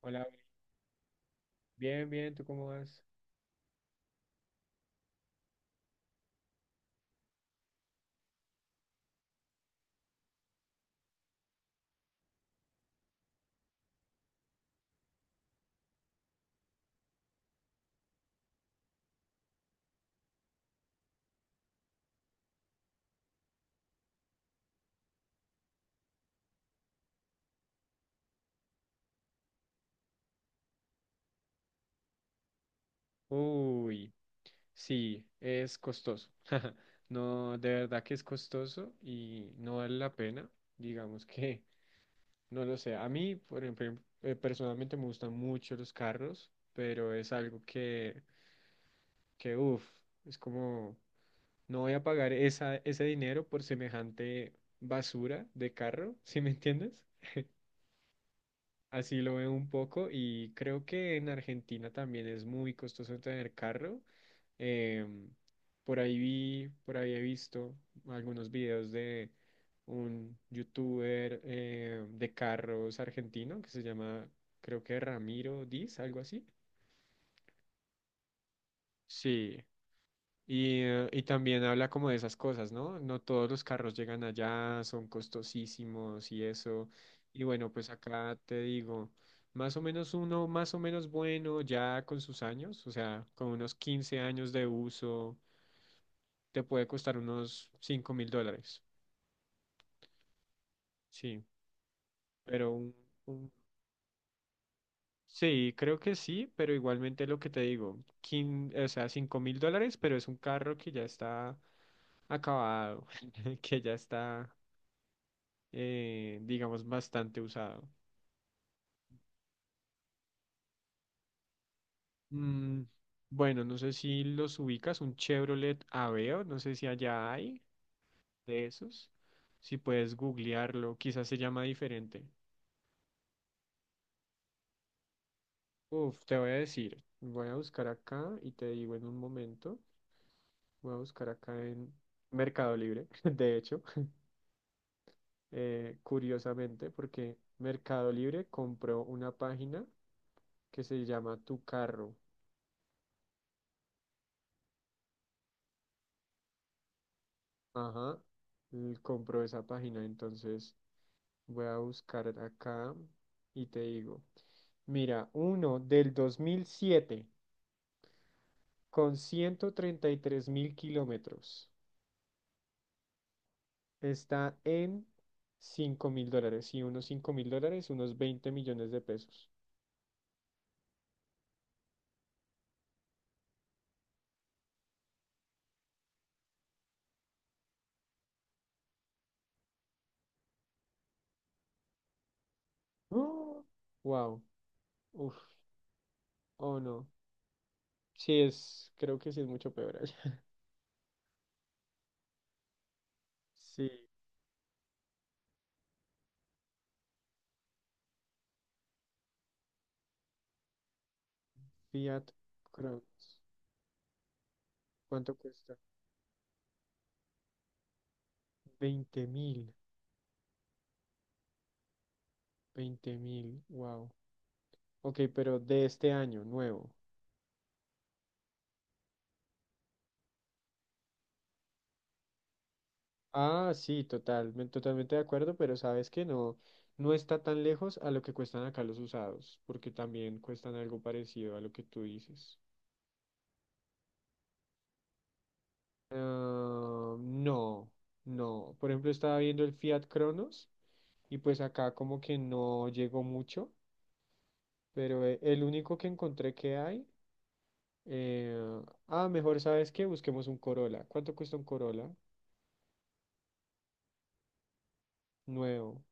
Hola, bien, bien, ¿tú cómo vas? Uy, sí, es costoso. No, de verdad que es costoso y no vale la pena. Digamos que, no lo sé. A mí, por ejemplo, personalmente me gustan mucho los carros, pero es algo que uff, es como, no voy a pagar ese dinero por semejante basura de carro. ¿Sí me entiendes? Así lo veo un poco, y creo que en Argentina también es muy costoso tener carro. Em, por ahí he visto algunos videos de un youtuber, de carros argentino que se llama, creo que, Ramiro Diz, algo así. Sí. Y también habla como de esas cosas, ¿no? No todos los carros llegan allá, son costosísimos y eso. Y bueno, pues acá te digo, más o menos, bueno, ya con sus años, o sea, con unos 15 años de uso, te puede costar unos $5.000. Sí, pero un- sí, creo que sí, pero igualmente lo que te digo, o sea, $5.000, pero es un carro que ya está acabado, que ya está... digamos, bastante usado. Mm, bueno, no sé si los ubicas, un Chevrolet Aveo, no sé si allá hay de esos. Si puedes googlearlo, quizás se llama diferente. Uf, te voy a decir, voy a buscar acá y te digo en un momento, voy a buscar acá en Mercado Libre, de hecho. Curiosamente, porque Mercado Libre compró una página que se llama Tu Carro. Ajá, compró esa página, entonces... Voy a buscar acá y te digo. Mira, uno del 2007 con 133.000 kilómetros. Está en $5.000. Y unos $5.000, unos 20 millones de pesos. ¡Oh! Wow. Uf. Oh, no. Sí, es. Creo que sí es mucho peor allá. Sí. Fiat Cronos. ¿Cuánto cuesta? 20.000. 20.000. Wow. Ok, pero de este año, nuevo. Ah, sí, totalmente, totalmente de acuerdo, pero sabes que no, no está tan lejos a lo que cuestan acá los usados, porque también cuestan algo parecido a lo que tú dices. Ah, no, no. Por ejemplo, estaba viendo el Fiat Cronos y pues acá como que no llegó mucho, pero el único que encontré que hay, eh, ah, mejor sabes que busquemos un Corolla. ¿Cuánto cuesta un Corolla nuevo?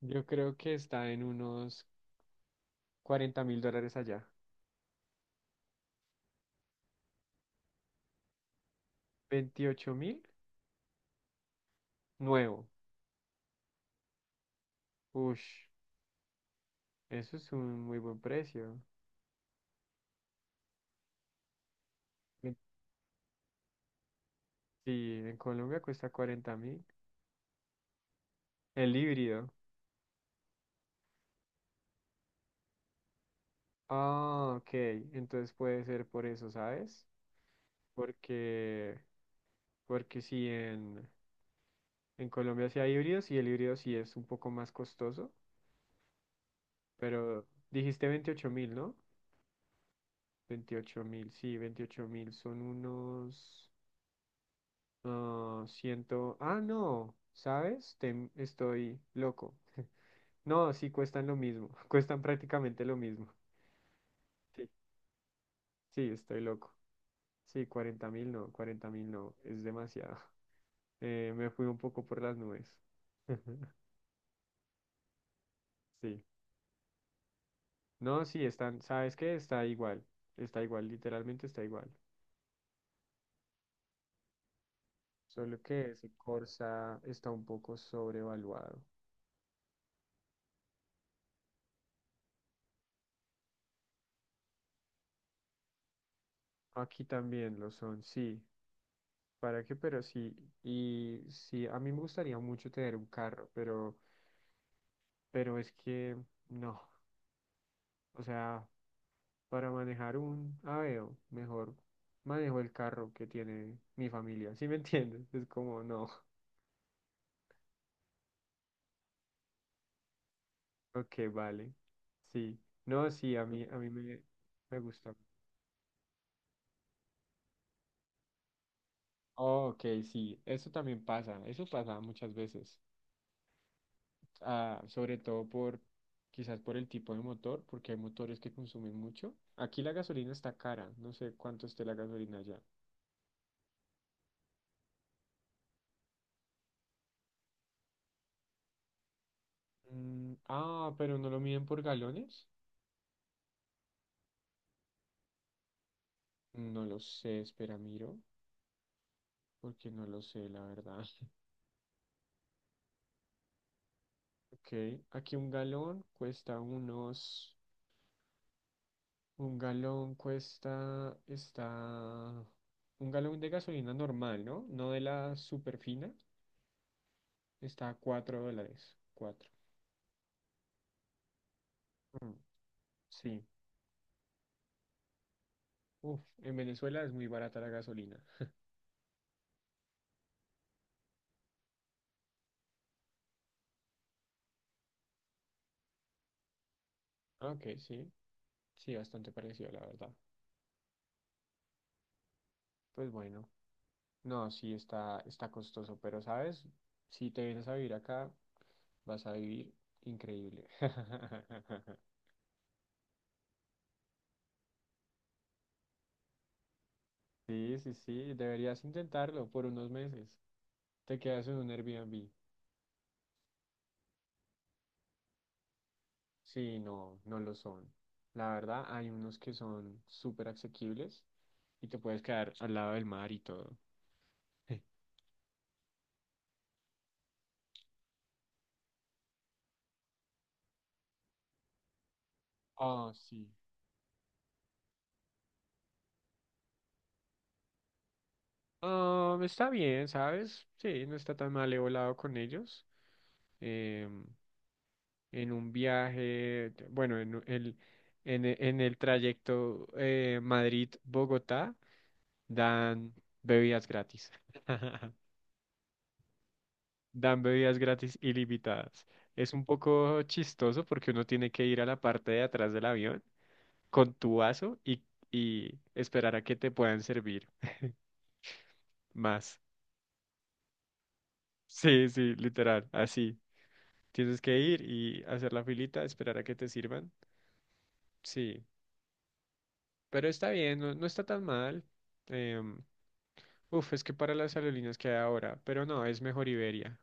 Yo creo que está en unos $40.000 allá. ¿28 mil? Nuevo. Ush, eso es un muy buen precio. Sí. Sí, en Colombia cuesta 40.000. El híbrido. Ah, ok. Entonces puede ser por eso, ¿sabes? Porque, porque sí, en Colombia sí hay híbridos y el híbrido sí es un poco más costoso. Pero dijiste 28.000, ¿no? 28.000, sí, 28.000 son unos, ciento... Ah, no, ¿sabes? Estoy loco. No, sí cuestan lo mismo, cuestan prácticamente lo mismo. Sí, sí, estoy loco. Sí, 40.000 no, 40.000 no, es demasiado. Me fui un poco por las nubes. Sí, no, sí, están, ¿sabes qué? Está igual, literalmente está igual. Solo que ese Corsa está un poco sobrevaluado. Aquí también lo son, sí. ¿Para qué? Pero sí, y sí, a mí me gustaría mucho tener un carro, pero es que no, o sea. Para manejar un Aveo, mejor manejo el carro que tiene mi familia. ¿Sí me entiendes? Es como, no. Ok, vale. Sí. No, sí, a mí me gusta. Oh, ok, sí. Eso también pasa. Eso pasa muchas veces. Ah, sobre todo quizás por el tipo de motor, porque hay motores que consumen mucho. Aquí la gasolina está cara. No sé cuánto esté la gasolina allá. Ah, pero no lo miden por galones. No lo sé, espera, miro, porque no lo sé, la verdad. Ok, aquí un galón cuesta, está, un galón de gasolina normal, ¿no? No de la super fina, está a $4, cuatro. Mm, sí. Uf, en Venezuela es muy barata la gasolina. Ah, ok, sí, sí, bastante parecido, la verdad. Pues bueno, no, sí está, está costoso, pero sabes, si te vienes a vivir acá, vas a vivir increíble. Sí, sí, sí, deberías intentarlo por unos meses. Te quedas en un Airbnb. Sí, no, no lo son. La verdad, hay unos que son súper asequibles y te puedes quedar al lado del mar y todo. Ah, sí. Ah, está bien, ¿sabes? Sí, no está tan mal, he volado con ellos. Em, en un viaje, bueno, en el, en el trayecto, Madrid-Bogotá, dan bebidas gratis. Dan bebidas gratis ilimitadas. Es un poco chistoso porque uno tiene que ir a la parte de atrás del avión con tu vaso, y esperar a que te puedan servir más. Sí, sí, literal, así. Tienes que ir y hacer la filita, esperar a que te sirvan. Sí, pero está bien, no, no está tan mal. Em, Uf, es que para las aerolíneas que hay ahora, pero no, es mejor Iberia,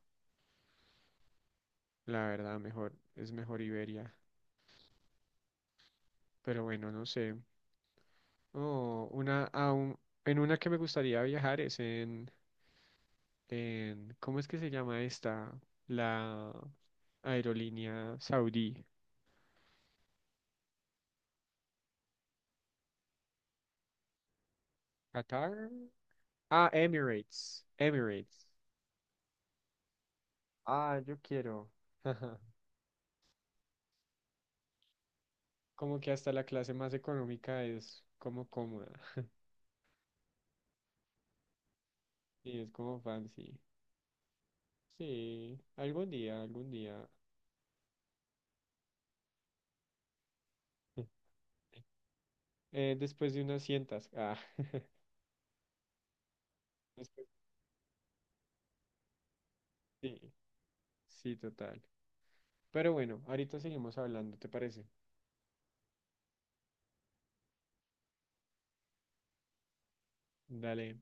la verdad, es mejor Iberia. Pero bueno, no sé. Oh, en una que me gustaría viajar es ¿cómo es que se llama esta? La aerolínea saudí. ¿Qatar? Ah, Emirates. Emirates. Ah, yo quiero. Ajá. Como que hasta la clase más económica es como cómoda. Y es como fancy. Sí, algún día, algún día. Después de unas cientas. Ah, después- sí, sí, total. Pero bueno, ahorita seguimos hablando, ¿te parece? Dale.